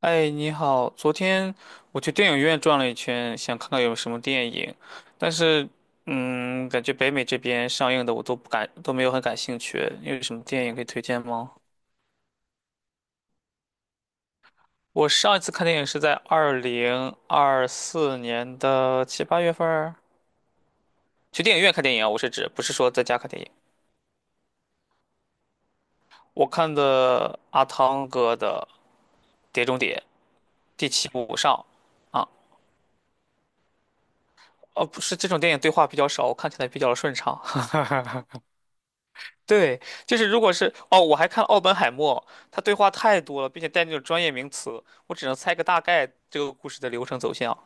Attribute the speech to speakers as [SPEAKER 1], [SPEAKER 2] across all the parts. [SPEAKER 1] 哎，你好，昨天我去电影院转了一圈，想看看有什么电影，但是，感觉北美这边上映的我都不感，都没有很感兴趣。你有什么电影可以推荐吗？我上一次看电影是在2024年的七八月份儿，去电影院看电影啊，我是指不是说在家看电影。我看的阿汤哥的《碟中谍》第七部上，啊，哦，不是这种电影对话比较少，我看起来比较顺畅。对，就是如果是哦，我还看奥本海默，他对话太多了，并且带那种专业名词，我只能猜个大概这个故事的流程走向，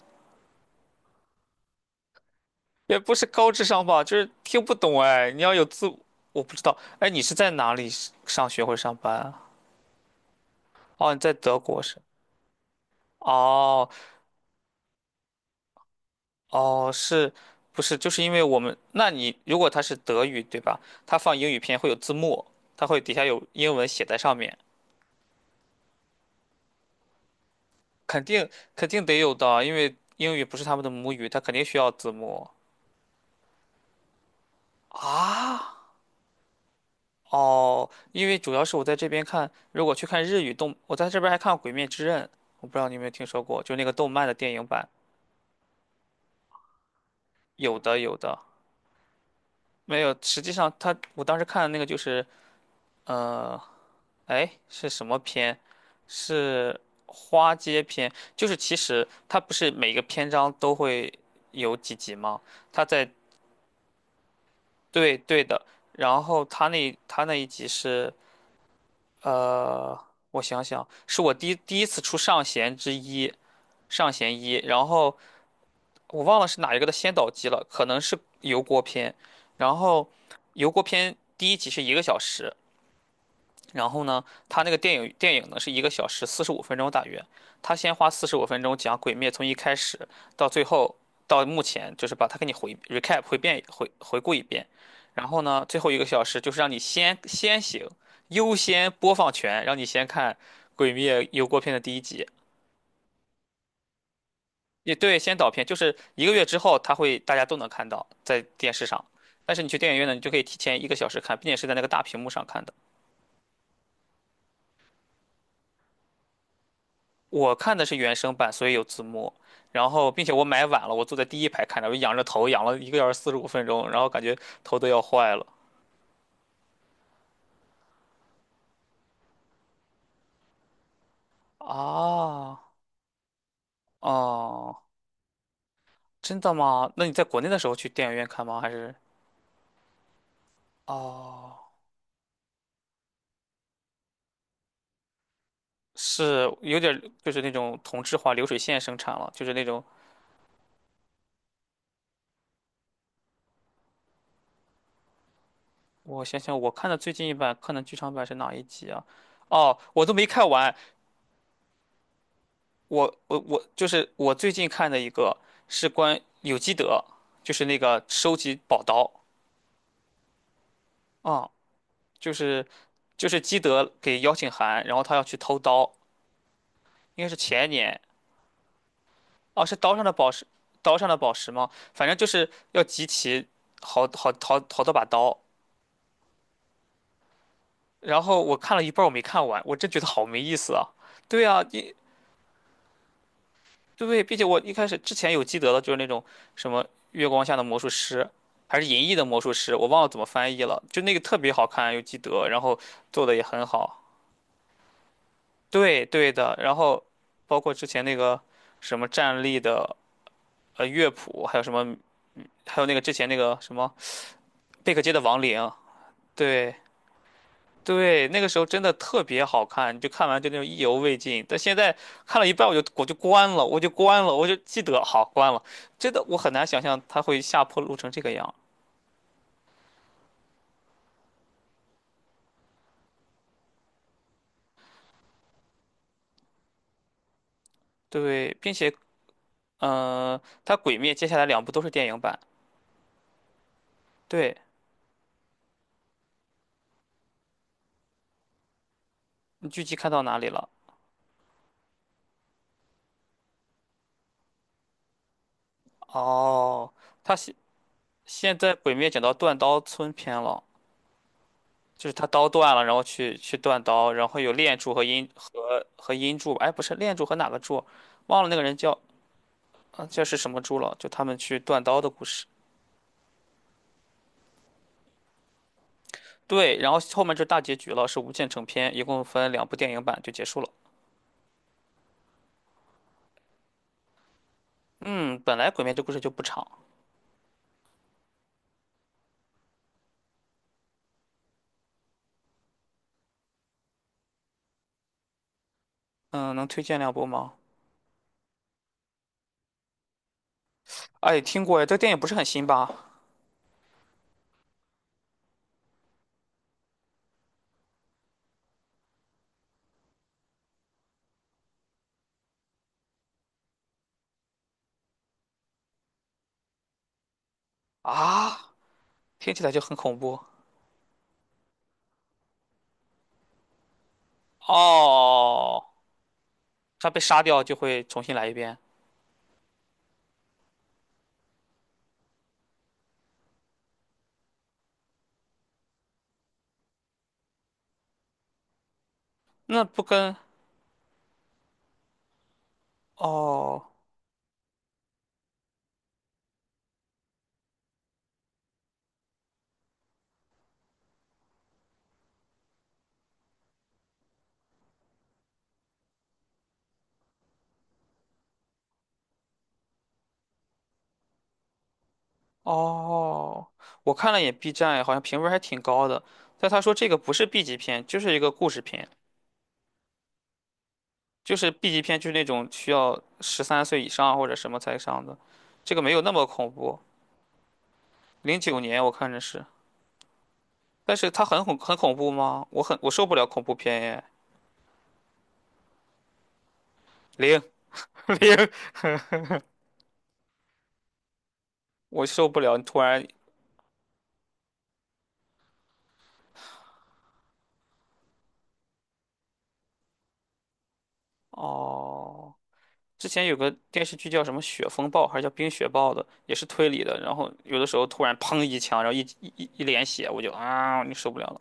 [SPEAKER 1] 也不是高智商吧，就是听不懂哎。你要有字，我不知道，哎，你是在哪里上学或者上班啊？哦，你在德国是？哦哦，是不是？就是因为我们，那你如果他是德语对吧？他放英语片会有字幕，他会底下有英文写在上面。肯定肯定得有的，因为英语不是他们的母语，他肯定需要字幕。啊？哦，因为主要是我在这边看，如果去看日语动，我在这边还看《鬼灭之刃》，我不知道你有没有听说过，就那个动漫的电影版，有的有的，没有。实际上他，我当时看的那个就是，呃，哎，是什么篇？是花街篇，就是其实它不是每个篇章都会有几集吗？它在对对的，然后他那一集是，呃，我想想，是我第一次出上弦之一，上弦一，然后我忘了是哪一个的先导集了，可能是油锅篇，然后油锅篇第一集是一个小时，然后呢，他那个电影呢是一个小时四十五分钟大约，他先花四十五分钟讲《鬼灭》从一开始到最后到目前，就是把它给你回 recap 回遍回回顾一遍，然后呢，最后一个小时就是让你先先行优先播放权，让你先看《鬼灭》油锅片的第一集，也对，先导片就是1个月之后，他会大家都能看到在电视上，但是你去电影院呢，你就可以提前一个小时看，并且是在那个大屏幕上看的。我看的是原声版，所以有字幕。然后，并且我买晚了，我坐在第一排看的，我仰着头仰了一个小时四十五分钟，然后感觉头都要坏了。啊，哦，真的吗？那你在国内的时候去电影院看吗？还是？哦，是有点儿就是那种同质化流水线生产了，就是那种。我想想，我看的最近一版《柯南》剧场版是哪一集啊？哦，我都没看完，我就是我最近看的一个是关有基德，就是那个收集宝刀啊，就是就是基德给邀请函，然后他要去偷刀，应该是前年啊，是刀上的宝石，刀上的宝石吗？反正就是要集齐好多把刀，然后我看了一半儿我没看完，我真觉得好没意思啊！对啊，你对，对，并且我一开始之前有记得的，就是那种什么月光下的魔术师，还是银翼的魔术师，我忘了怎么翻译了，就那个特别好看，又记得，然后做的也很好。对，对的。然后包括之前那个什么站立的乐谱，还有什么，还有那个之前那个什么贝克街的亡灵，对，对，那个时候真的特别好看，就看完就那种意犹未尽。但现在看了一半，我就关了，我就关了，我就记得好关了。真的，我很难想象它会下坡路成这个样。对，并且，嗯、它《鬼灭》接下来两部都是电影版。对，你剧集看到哪里了？哦，它现在《鬼灭》讲到断刀村篇了，就是他刀断了，然后去断刀，然后有炼柱和阴和阴柱吧？哎，不是炼柱和哪个柱？忘了那个人叫这是什么猪了？就他们去断刀的故事。对，然后后面就大结局了，是无限成片，一共分两部电影版就结束了。嗯，本来《鬼灭》这故事就不长，嗯，能推荐两部吗？哎，听过哎，这电影不是很新吧？啊，听起来就很恐怖。哦，他被杀掉就会重新来一遍，那不跟哦哦，我看了眼 B 站，好像评分还挺高的，但他说这个不是 B 级片，就是一个故事片。就是 B 级片，就是那种需要13岁以上或者什么才上的，这个没有那么恐怖。09年我看着是，但是它很恐怖吗？我受不了恐怖片耶，零 零我受不了。你突然哦，之前有个电视剧叫什么《雪风暴》还是叫《冰雪暴》的，也是推理的，然后有的时候突然砰一枪，然后一脸血，我就啊，你受不了了。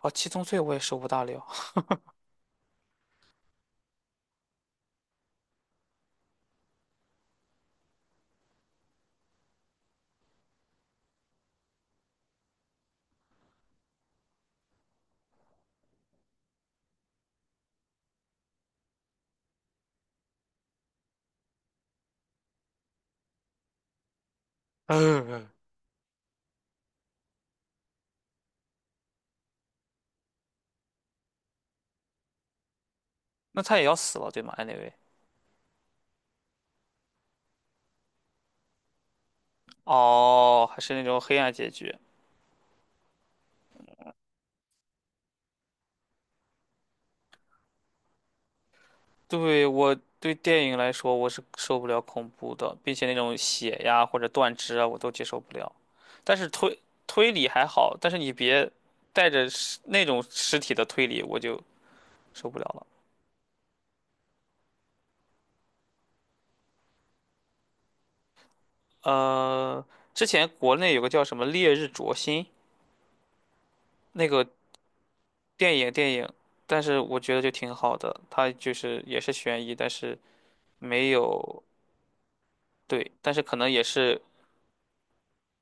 [SPEAKER 1] 哦，七宗罪我也受不大了，那他也要死了对吗？Anyway，哦，还是那种黑暗结局。对，我对电影来说，我是受不了恐怖的，并且那种血呀或者断肢啊，我都接受不了。但是推理还好，但是你别带着那种尸体的推理，我就受不了了。呃，之前国内有个叫什么《烈日灼心》那个电影，但是我觉得就挺好的，它就是也是悬疑，但是没有，对，但是可能也是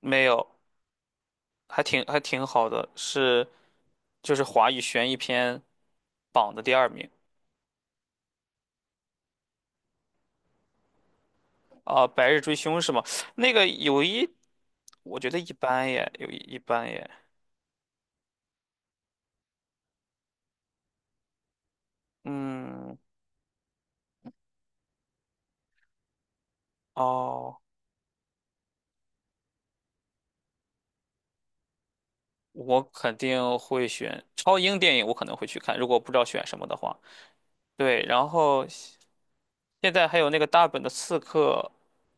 [SPEAKER 1] 没有，还挺好的，是。就是华语悬疑片榜的第二名啊，白日追凶》是吗？那个有一，我觉得一般耶，一般耶。嗯，哦，我肯定会选超英电影，我可能会去看，如果我不知道选什么的话。对，然后现在还有那个大本的刺客，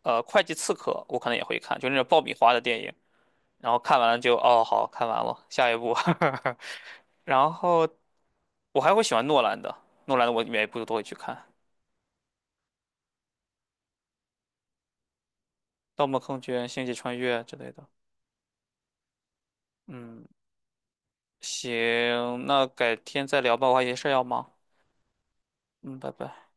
[SPEAKER 1] 会计刺客，我可能也会看，就那种爆米花的电影。然后看完了就哦，好看完了，下一部。然后我还会喜欢诺兰的，诺兰的我每一部都会去看。《盗梦空间》《星际穿越》之类的。嗯，行，那改天再聊吧，我还有些事儿要忙。嗯，拜拜。